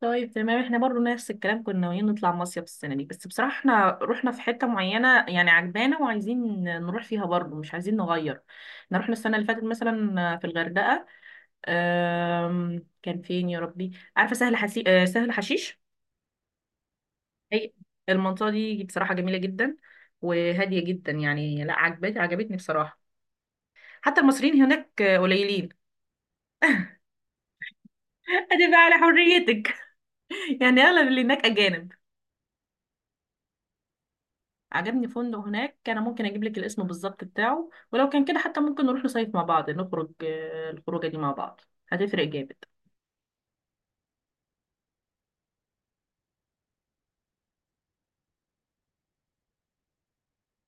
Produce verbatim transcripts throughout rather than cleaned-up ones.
طيب، تمام. احنا برضو نفس الكلام، كنا ناويين نطلع مصيف السنة دي، بس بصراحة احنا رحنا في حتة معينة يعني عجبانا وعايزين نروح فيها برضو، مش عايزين نغير. احنا رحنا السنة اللي فاتت مثلا في الغردقة. آم، كان فين يا ربي، عارفة، سهل حسي... آه، سهل حشيش. هي المنطقة دي بصراحة جميلة جدا، وهادية جدا يعني. لا، عجبت عجبتني بصراحة. حتى المصريين هناك قليلين. ادي بقى على حريتك. يعني اغلب اللي هناك اجانب. عجبني فندق هناك، انا ممكن اجيب لك الاسم بالظبط بتاعه، ولو كان كده حتى ممكن نروح نصيف مع بعض، نخرج آه، الخروجه دي مع بعض. هتفرق جامد.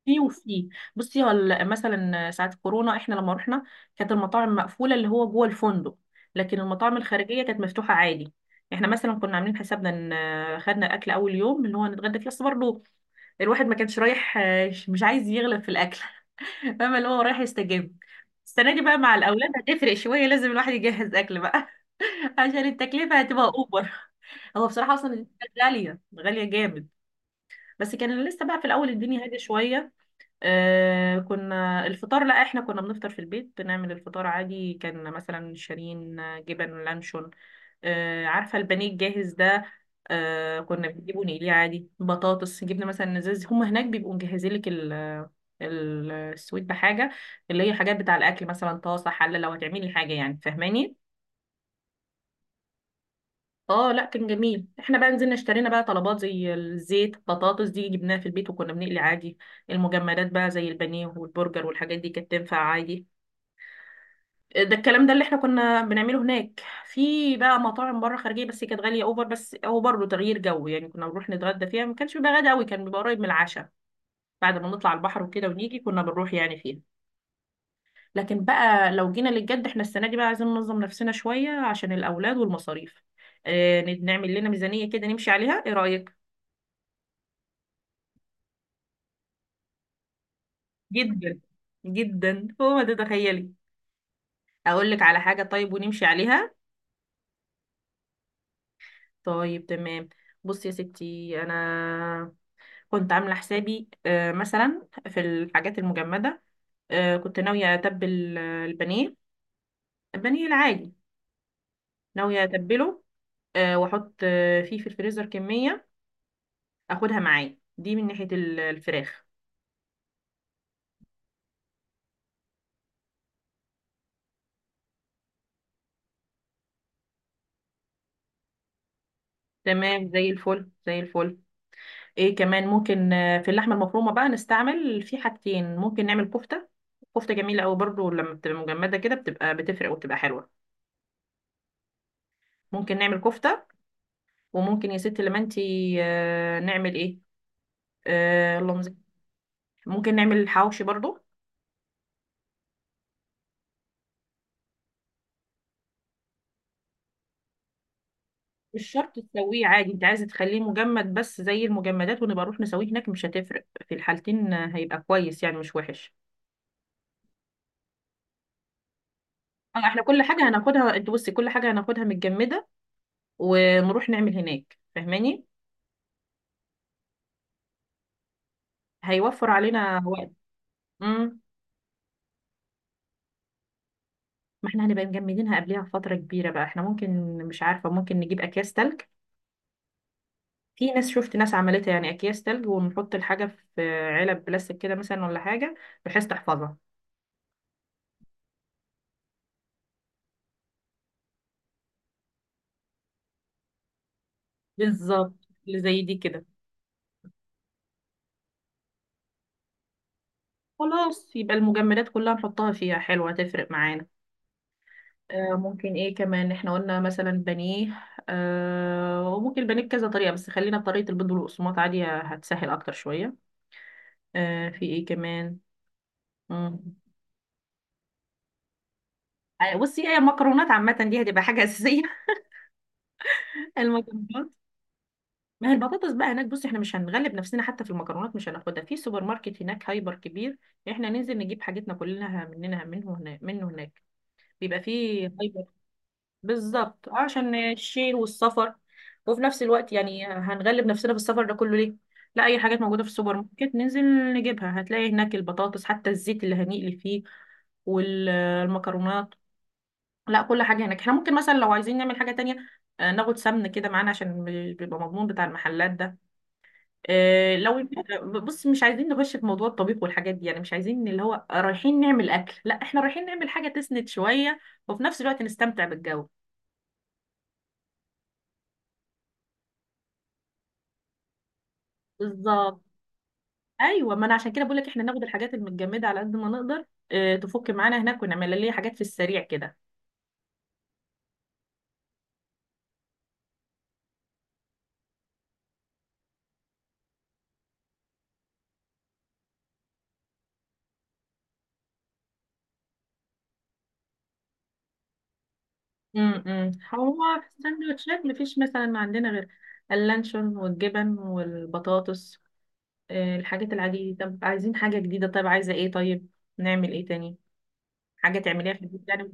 في، وفي. بصي، هل مثلا ساعه كورونا احنا لما رحنا كانت المطاعم مقفوله اللي هو جوه الفندق، لكن المطاعم الخارجيه كانت مفتوحه عادي. احنا مثلا كنا عاملين حسابنا ان آه، خدنا اكل اول يوم اللي هو نتغدى فيه، بس برضه الواحد ما كانش رايح آه، مش عايز يغلب في الاكل. فاهمه، اللي هو رايح يستجم. السنه دي بقى مع الاولاد هتفرق شويه، لازم الواحد يجهز اكل بقى، عشان التكلفة هتبقى اوبر. هو بصراحة اصلا الحاجات غالية غالية جامد، بس كان لسه بقى في الاول الدنيا هادية شوية. آه كنا الفطار، لا، احنا كنا بنفطر في البيت، بنعمل الفطار عادي، كان مثلا شارين جبن، لانشون. آه عارفة البانيه الجاهز ده؟ آه كنا بنجيبه نقليه عادي، بطاطس جبنا مثلا، ازاز. هما هناك بيبقوا مجهزين لك ال، ال- السويت بحاجة، اللي هي حاجات بتاع الأكل، مثلا طاسة، حلة، لو هتعملي حاجة يعني، فاهماني. اه، لا، كان جميل. احنا بقى نزلنا اشترينا بقى طلبات زي الزيت. بطاطس دي جبناها في البيت، وكنا بنقلي عادي. المجمدات بقى زي البانيه والبرجر والحاجات دي كانت تنفع عادي. ده الكلام ده اللي احنا كنا بنعمله هناك. في بقى مطاعم بره خارجيه، بس كانت غاليه اوفر، بس هو برضه تغيير جو يعني. كنا بنروح نتغدى فيها، ما كانش بيبقى غدا قوي، كان بيبقى قريب من العشاء، بعد ما نطلع البحر وكده ونيجي كنا بنروح يعني فيها. لكن بقى لو جينا للجد، احنا السنه دي بقى عايزين ننظم نفسنا شويه عشان الاولاد والمصاريف. آه، نعمل لنا ميزانيه كده نمشي عليها، ايه رايك؟ جدا، جدا، هو ما تتخيلي. اقول لك على حاجه طيب ونمشي عليها. طيب، تمام. بصي يا ستي، انا كنت عامله حسابي آه، مثلا في الحاجات المجمده. آه، كنت ناويه اتبل آه، البانيه، البانيه العادي. ناويه اتبله. آه، واحط آه، فيه في الفريزر كميه، اخدها معايا دي، من ناحيه ال- الفراخ. تمام، زي الفل، زي الفل. ايه كمان؟ ممكن آه، في اللحمه المفرومه بقى نستعمل في حاجتين. ممكن نعمل كفته. كفته جميله قوي برضو، لما بتبقى مجمده كده بتبقى بتفرق وبتبقى حلوه. ممكن نعمل كفته، وممكن يا ستي لما انتي آه، نعمل ايه، آه اللهم زك- ممكن نعمل حواوشي برضو. مش شرط تسويه عادي، انت عايزه تخليه مجمد بس زي المجمدات، ونبقى نروح نسويه هناك، مش هتفرق في الحالتين. آه، هيبقى كويس يعني، مش وحش. اه، احنا كل حاجه هناخدها. انت بصي، كل حاجه هناخدها متجمده ونروح نعمل هناك، فاهماني. هيوفر علينا وقت. امم. ما احنا هنبقى مجمدينها قبلها بفترة كبيرة بقى. احنا ممكن، مش عارفة، ممكن نجيب أكياس تلج. في ناس شفت ناس عملتها يعني. أكياس تلج ونحط الحاجة في علب بلاستيك كده مثلا، ولا حاجة، بحيث تحفظها. بالظبط، اللي زي دي كده. خلاص، يبقى المجمدات كلها نحطها فيها، حلوة، تفرق معانا. آه ممكن ايه كمان؟ احنا قلنا مثلا بانيه. آه وممكن البانيه بكذا طريقة، بس خلينا بطريقة البيض والقسماط عادي، هتسهل أكتر شوية. آه في ايه كمان؟ مم. آه، بصي، هي المكرونات عامة دي هتبقى حاجة أساسية. المكرونات. ما هي البطاطس بقى هناك، بص، احنا مش هنغلب نفسنا حتى في المكرونات، مش هناخدها. في سوبر ماركت هناك، هايبر كبير، احنا ننزل نجيب حاجتنا كلنا مننا، منه هناك، منه هناك، بيبقى فيه هايبر. بالظبط، عشان الشيل والسفر، وفي نفس الوقت يعني هنغلب نفسنا بالسفر ده كله ليه؟ لا، اي حاجات موجوده في السوبر ماركت ننزل نجيبها، هتلاقي هناك البطاطس، حتى الزيت اللي هنقلي فيه، والمكرونات. لا، كل حاجه هناك. احنا ممكن مثلا لو عايزين نعمل حاجه تانية، آه، ناخد سمن كده معانا، عشان بيبقى مضمون بتاع المحلات ده. آه، لو بص، مش عايزين نخش في موضوع الطبيخ والحاجات دي يعني، مش عايزين اللي هو رايحين نعمل اكل، لا، احنا رايحين نعمل حاجه تسند شويه وفي نفس الوقت نستمتع بالجو. بالظبط. ايوه، ما انا عشان كده بقول لك احنا ناخد الحاجات المتجمده على قد ما نقدر، آه، تفك معانا هناك ونعمل لنا حاجات في السريع كده. امم هو في السندوتشات مفيش مثلا ما عندنا غير اللانشون والجبن والبطاطس، آه، الحاجات العاديه دي. طب عايزين حاجه جديده، طيب، عايزه ايه؟ طيب نعمل ايه تاني؟ حاجه تعمليها في البيت يعني.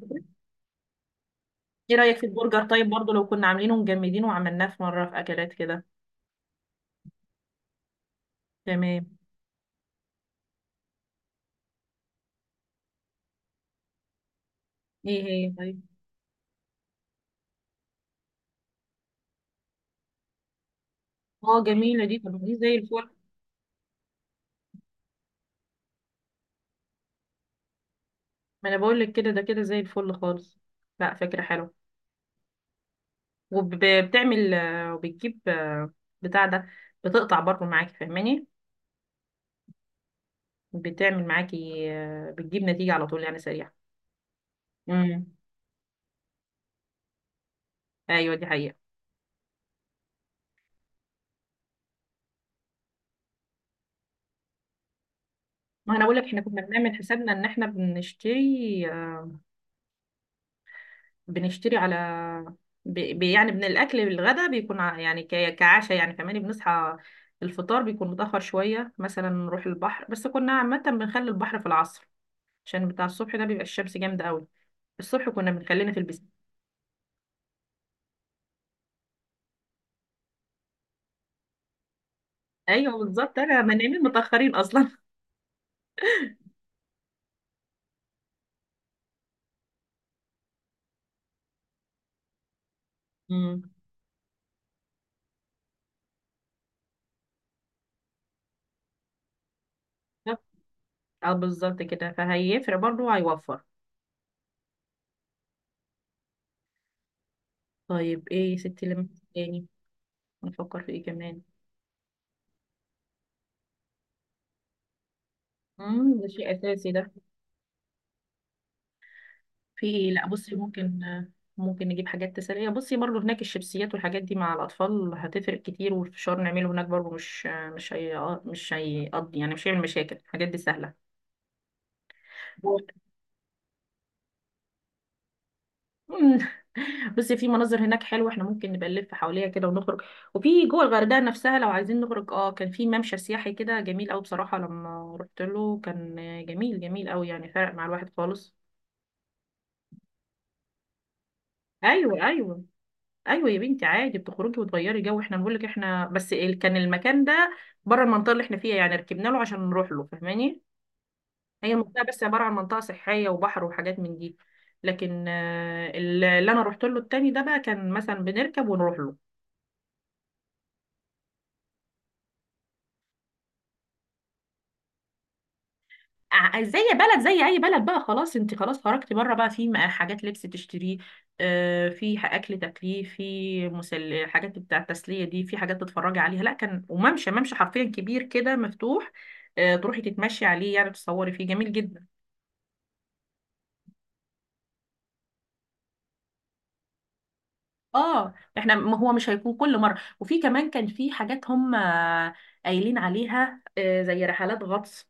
ايه رأيك في البرجر طيب، برضو لو كنا عاملينه ومجمدينه وعملناه في مرة، في اكلات كده. تمام. ايه هي طيب؟ اه، جميلة دي، طب دي زي الفل. ما انا بقول لك كده، ده كده زي الفل خالص. لا، فكرة حلوة. وبتعمل آه، وبتجيب آه، بتاع ده، بتقطع برضو معاكي، فاهماني. بتعمل معاكي آه، بتجيب نتيجة على طول يعني، سريعة. امم. ايوه، دي حقيقة. ما انا بقول لك احنا كنا بنعمل حسابنا ان احنا بنشتري، بنشتري على بي بي- يعني من الأكل للغدا بيكون ع- يعني ك- كعشاء يعني كمان. بنصحى، الفطار بيكون متأخر شوية، مثلا نروح البحر، بس كنا عامة بنخلي البحر في العصر، عشان بتاع الصبح ده بيبقى الشمس جامدة قوي. الصبح كنا بنخلينا في البسين. أيوه بالظبط، أنا، ما نايمين متأخرين أصلا. امم. بالظبط. اه بالظبط كده، فهيفرق برضه، هيوفر. طيب، ايه يا ستي لما، تاني، نفكر في ايه كمان؟ امم ده شيء أساسي ده. في ايه؟ لا بصي، ممكن، ممكن نجيب حاجات تسلية. بصي، برضو هناك الشيبسيات والحاجات دي مع الأطفال هتفرق كتير، والفشار نعمله هناك برضو، مش مش هي مش هيقضي يعني، مش هيعمل مشاكل، الحاجات دي سهلة. مم. بصي، في مناظر هناك حلوة، احنا ممكن نبقى نلف حواليها كده ونخرج. وفي جوه الغردقة نفسها لو عايزين نخرج، اه، كان في ممشى سياحي كده جميل قوي بصراحة، لما رحت له كان جميل، جميل قوي يعني، فرق مع الواحد خالص. ايوه، ايوه، ايوه يا بنتي، عادي بتخرجي وتغيري جو. احنا بنقول لك احنا بس ال- كان المكان ده بره المنطقه اللي احنا فيها يعني، ركبنا له عشان نروح له، فاهماني. هي المنطقه بس عباره عن منطقه صحيه وبحر وحاجات من دي، لكن آه، اللي انا رحت له التاني ده بقى كان مثلا بنركب ونروح له. ع- زي بلد، زي اي بلد بقى، خلاص انت خلاص خرجتي بره بقى. في م- حاجات لبس تشتريه، آه، في ح- اكل تاكليه، في مسل حاجات بتاع التسليه دي، في حاجات تتفرجي عليها. لا، كان، وممشى، ممشى حرفيا كبير كده مفتوح، آه، تروحي تتمشي عليه يعني، تصوري فيه، جميل جدا. اه، احنا ما هو مش هيكون كل مره. وفي كمان كان في حاجات هم قايلين عليها آه، زي رحلات غطس،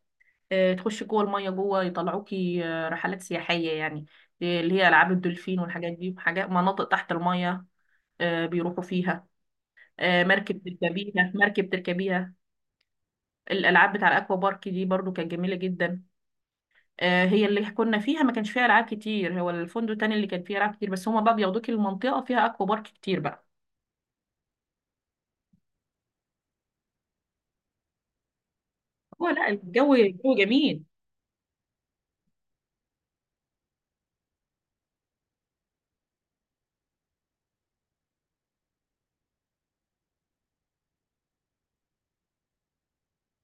آه، تخشي جوه الميه، جوه يطلعوكي. آه، رحلات سياحيه يعني، آه، اللي هي العاب الدولفين والحاجات دي، وحاجات مناطق تحت الميه. آه، بيروحوا فيها. آه، مركب تركبيها، مركب تركبيها. الالعاب بتاع الاكوا بارك دي برضو كانت جميله جدا، آه، هي اللي كنا فيها ما كانش فيها العاب كتير. هو الفندق التاني اللي كان فيه العاب كتير، بس هما بقى بياخدوكي. المنطقه فيها اكوا بارك كتير بقى. هو، لا، الجو الجو جميل.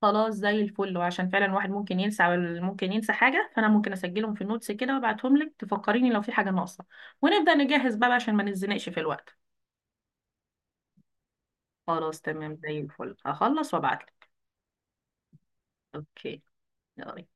خلاص، زي الفل. وعشان فعلا الواحد ممكن ينسى، وال- ممكن ينسى حاجة، فأنا ممكن أسجلهم في النوتس كده وأبعتهم لك، تفكريني لو في حاجة ناقصة، ونبدأ نجهز بقى عشان ما نتزنقش في الوقت. خلاص، تمام، زي الفل، هخلص وأبعتلك. أوكي. يلا.